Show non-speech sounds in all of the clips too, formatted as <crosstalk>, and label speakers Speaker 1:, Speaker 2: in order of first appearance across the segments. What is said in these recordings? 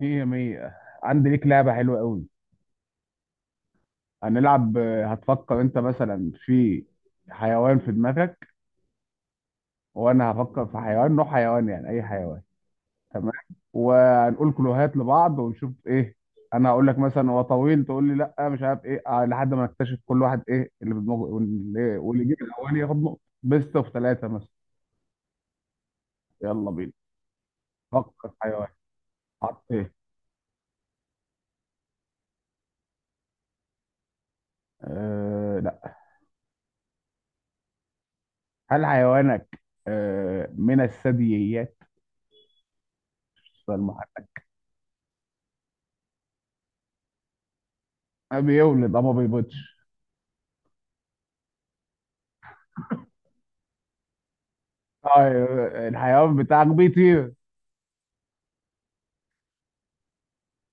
Speaker 1: مية مية. عندي ليك لعبة حلوة قوي. هنلعب هتفكر انت مثلا في حيوان في دماغك، وانا هفكر في حيوان، نوع حيوان يعني اي حيوان. تمام، وهنقول كلوهات لبعض ونشوف ايه. انا هقول لك مثلا هو طويل، تقول لي لا مش عارف ايه لحد ما نكتشف كل واحد ايه اللي في دماغه واللي يجيب الاولاني ياخد نقطة، بيست اوف ثلاثة مثلا. يلا بينا. فكر في حيوان. حط ايه؟ آه لا. هل حيوانك آه من الثدييات؟ سؤال. بيولد ما بيبيضش. اه الحيوان بتاعك بيطير؟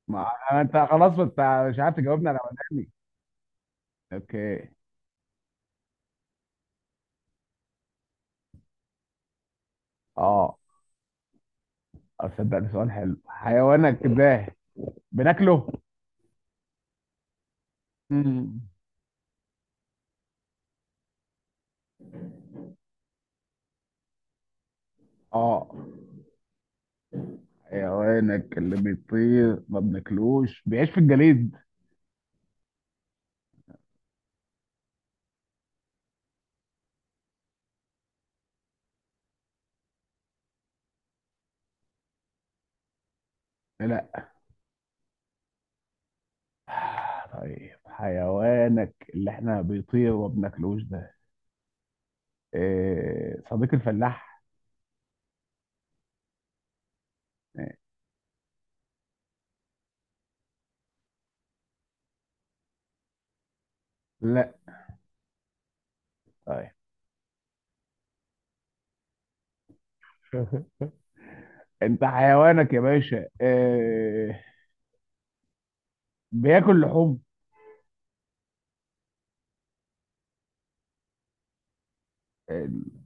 Speaker 1: ما انت خلاص، ما انت مش عارف تجاوبني على. وداني. اوكي. اه اصدق ده سؤال حلو. حيوانك ده بناكله؟ مم. اه حيوانك اللي بيطير ما بناكلوش بيعيش في الجليد؟ لا. طيب حيوانك اللي احنا بيطير وما بناكلوش ده إيه، صديق الفلاح؟ إيه. لا. طيب. <laughs> انت حيوانك يا باشا إيه، بياكل لحوم؟ ال-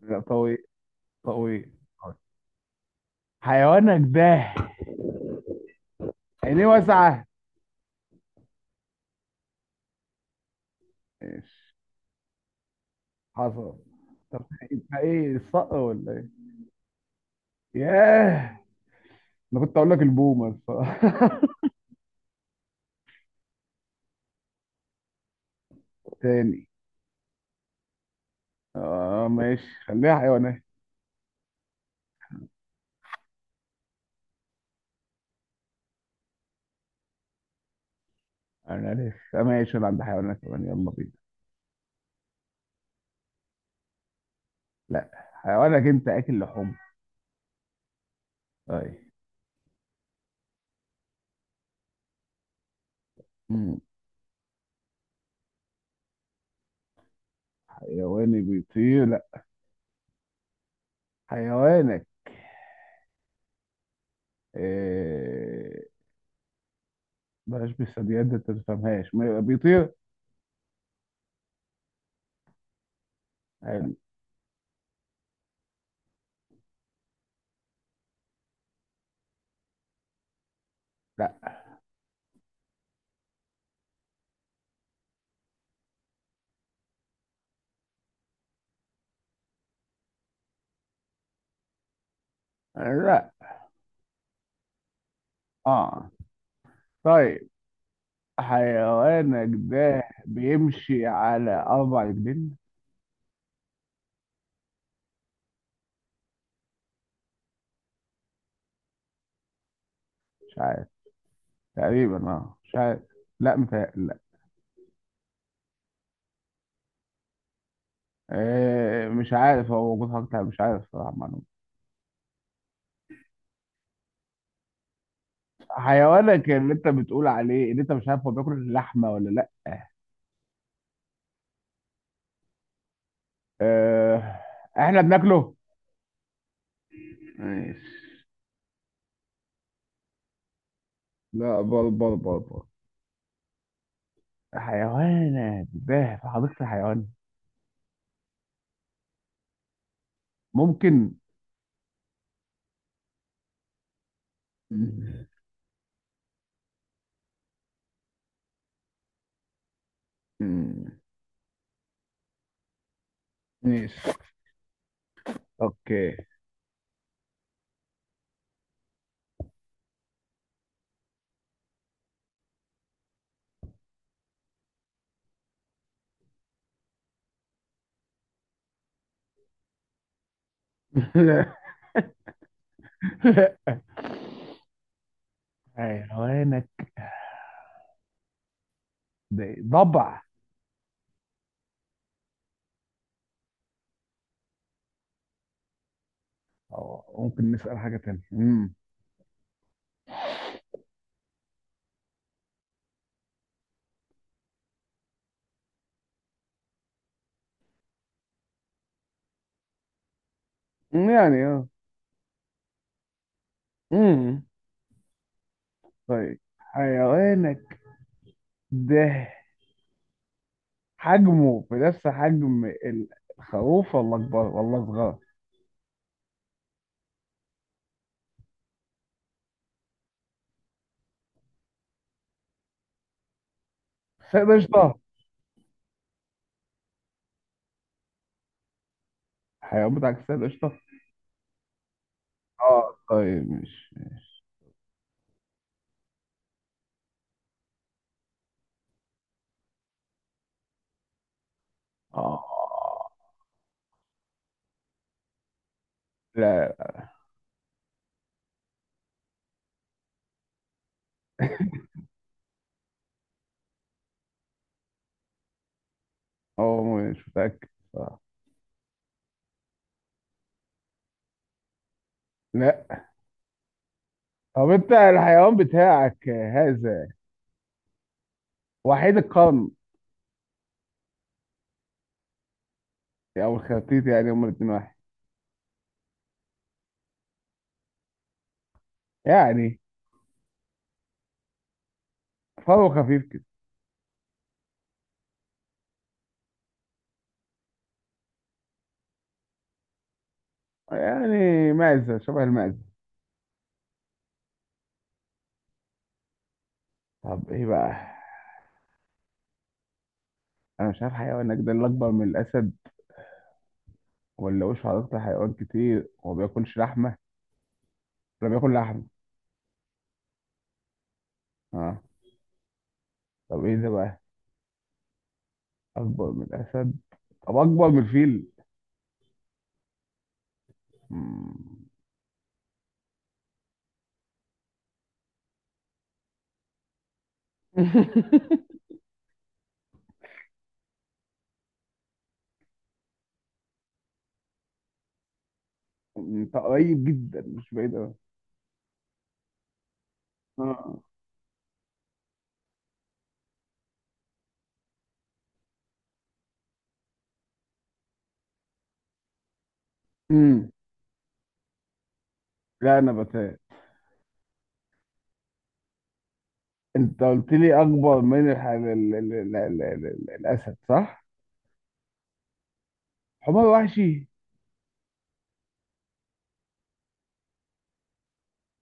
Speaker 1: لا طويل. طويل. طويل. حيوانك ده عينيه واسعة؟ ماشي. حصل. طب يبقى ايه، الصقر ولا ايه؟ ياه، انا كنت اقول لك البومة الصراحة. <laughs> تاني. اه ماشي خليها حيوانات. انا لسه ماشي، انا عند حيوانات كمان، يلا بينا. لا حيوانك انت اكل لحوم؟ طيب. مم. حيواني بيطير؟ لا. حيوانك إيه... بلاش بالثدييات دي انت ما تفهمهاش، ما يبقى بيطير. حلو. لا. لا. اه طيب حيوانك ده بيمشي على اربع رجلين؟ مش عارف. تقريبا اه مش عارف. لا متهيألي لا. آه مش عارف، هو موجود حاجة تانية، مش عارف صراحة معلومة. حيوانك اللي انت بتقول عليه اللي انت مش عارف هو بياكل لحمة ولا لا؟ آه. احنا بناكله؟ ماشي. لا، بر، بر، بر، بر. حيوانك ده في حديقة الحيوان؟ ممكن. مم. مم. ماشي. اوكي. <laughs> اي هوانك ضبع؟ أو ممكن نسأل حاجة تانية. يعني اه. امم طيب حيوانك ده حجمه بنفس حجم الخروف ولا اكبر ولا صغير؟ سيد قشطة. الحيوان بتاعك سيد قشطة. اه طيب مش اه. لا هو مش متأكد صح. لا. طب انت الحيوان بتاعك هذا وحيد القرن، او الخرتيت يعني هما الاتنين واحد؟ يعني فرو خفيف كده. يعني معزة، شبه المعزة. طب ايه بقى؟ انا مش عارف حيوان اجدل اكبر من الاسد، ولا وش عضلات حيوان كتير وما بياكلش لحمة، ولا بياكل لحمة. اه. طب ايه ده بقى، اكبر من الاسد؟ طب اكبر من الفيل؟ مم. <laughs> انت قريب جدا مش بعيد قوي. اه. امم لا انا بتهيألي انت قلت لي اكبر من الح... ال... ال... ال... ال... ال... ال... الاسد صح؟ حمار وحشي.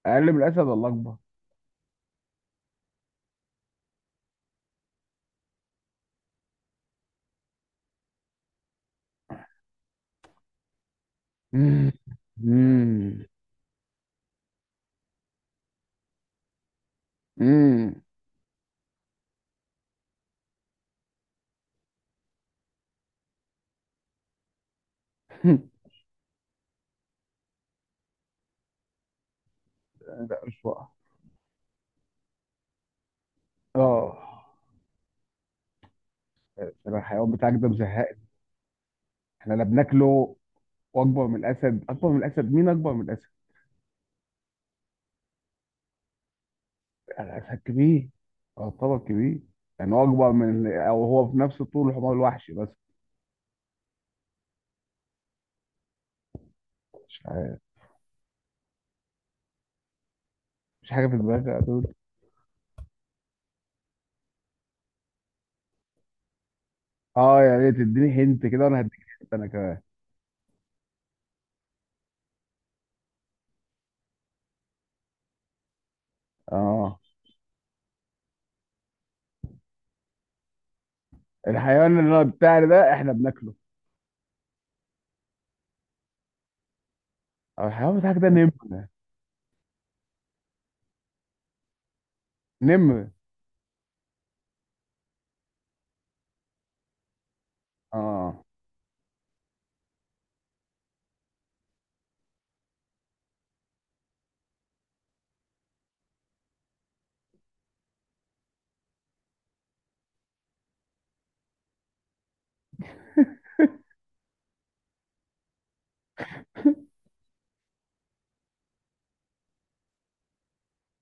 Speaker 1: اقل من الاسد ولا اكبر؟ امم امم لا مش بقى. اه. عشان الحيوان بتاعك ده مزهقني، احنا لا بناكله، واكبر من الاسد. اكبر من الاسد مين اكبر من الاسد؟ يعني الاسد كبير. اه طبعا كبير. يعني هو اكبر من، او هو في نفس طول الحمار الوحشي بس. مش عارف. مش حاجه في دماغي يا دود. اه يا ريت تديني هنت كده وانا هديك هنت انا كمان. اه الحيوان اللي انا بتاعي ده احنا بناكله. او الحيوان بتاعك ده نمر؟ نمر. اه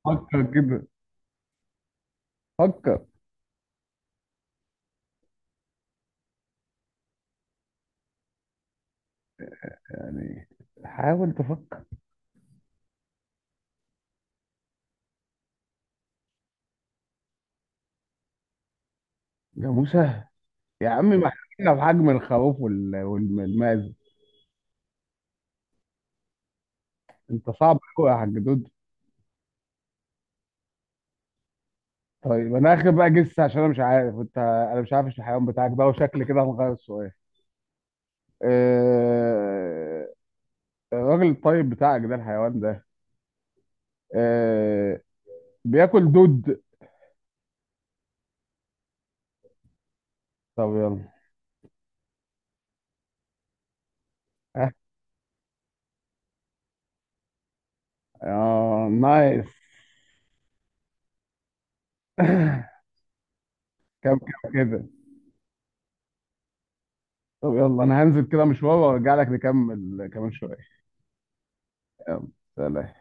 Speaker 1: فكر كده. فكر. يعني حاول تفكر. يا موسى. يا عم ما احنا في حجم الخروف والماز. انت صعب قوي يا حاج دود. طيب انا اخر بقى جس، عشان انا مش عارف انت، انا مش عارف الحيوان بتاعك ده، وشكل كده هنغير السؤال. آه، الراجل الطيب بتاعك ده الحيوان ده آه، بياكل دود؟ طب يلا. اه نايس. <laughs> كم كم كده. طب يلا انا هنزل كده مشوار وارجع لك نكمل كمان شويه. يلا. سلام.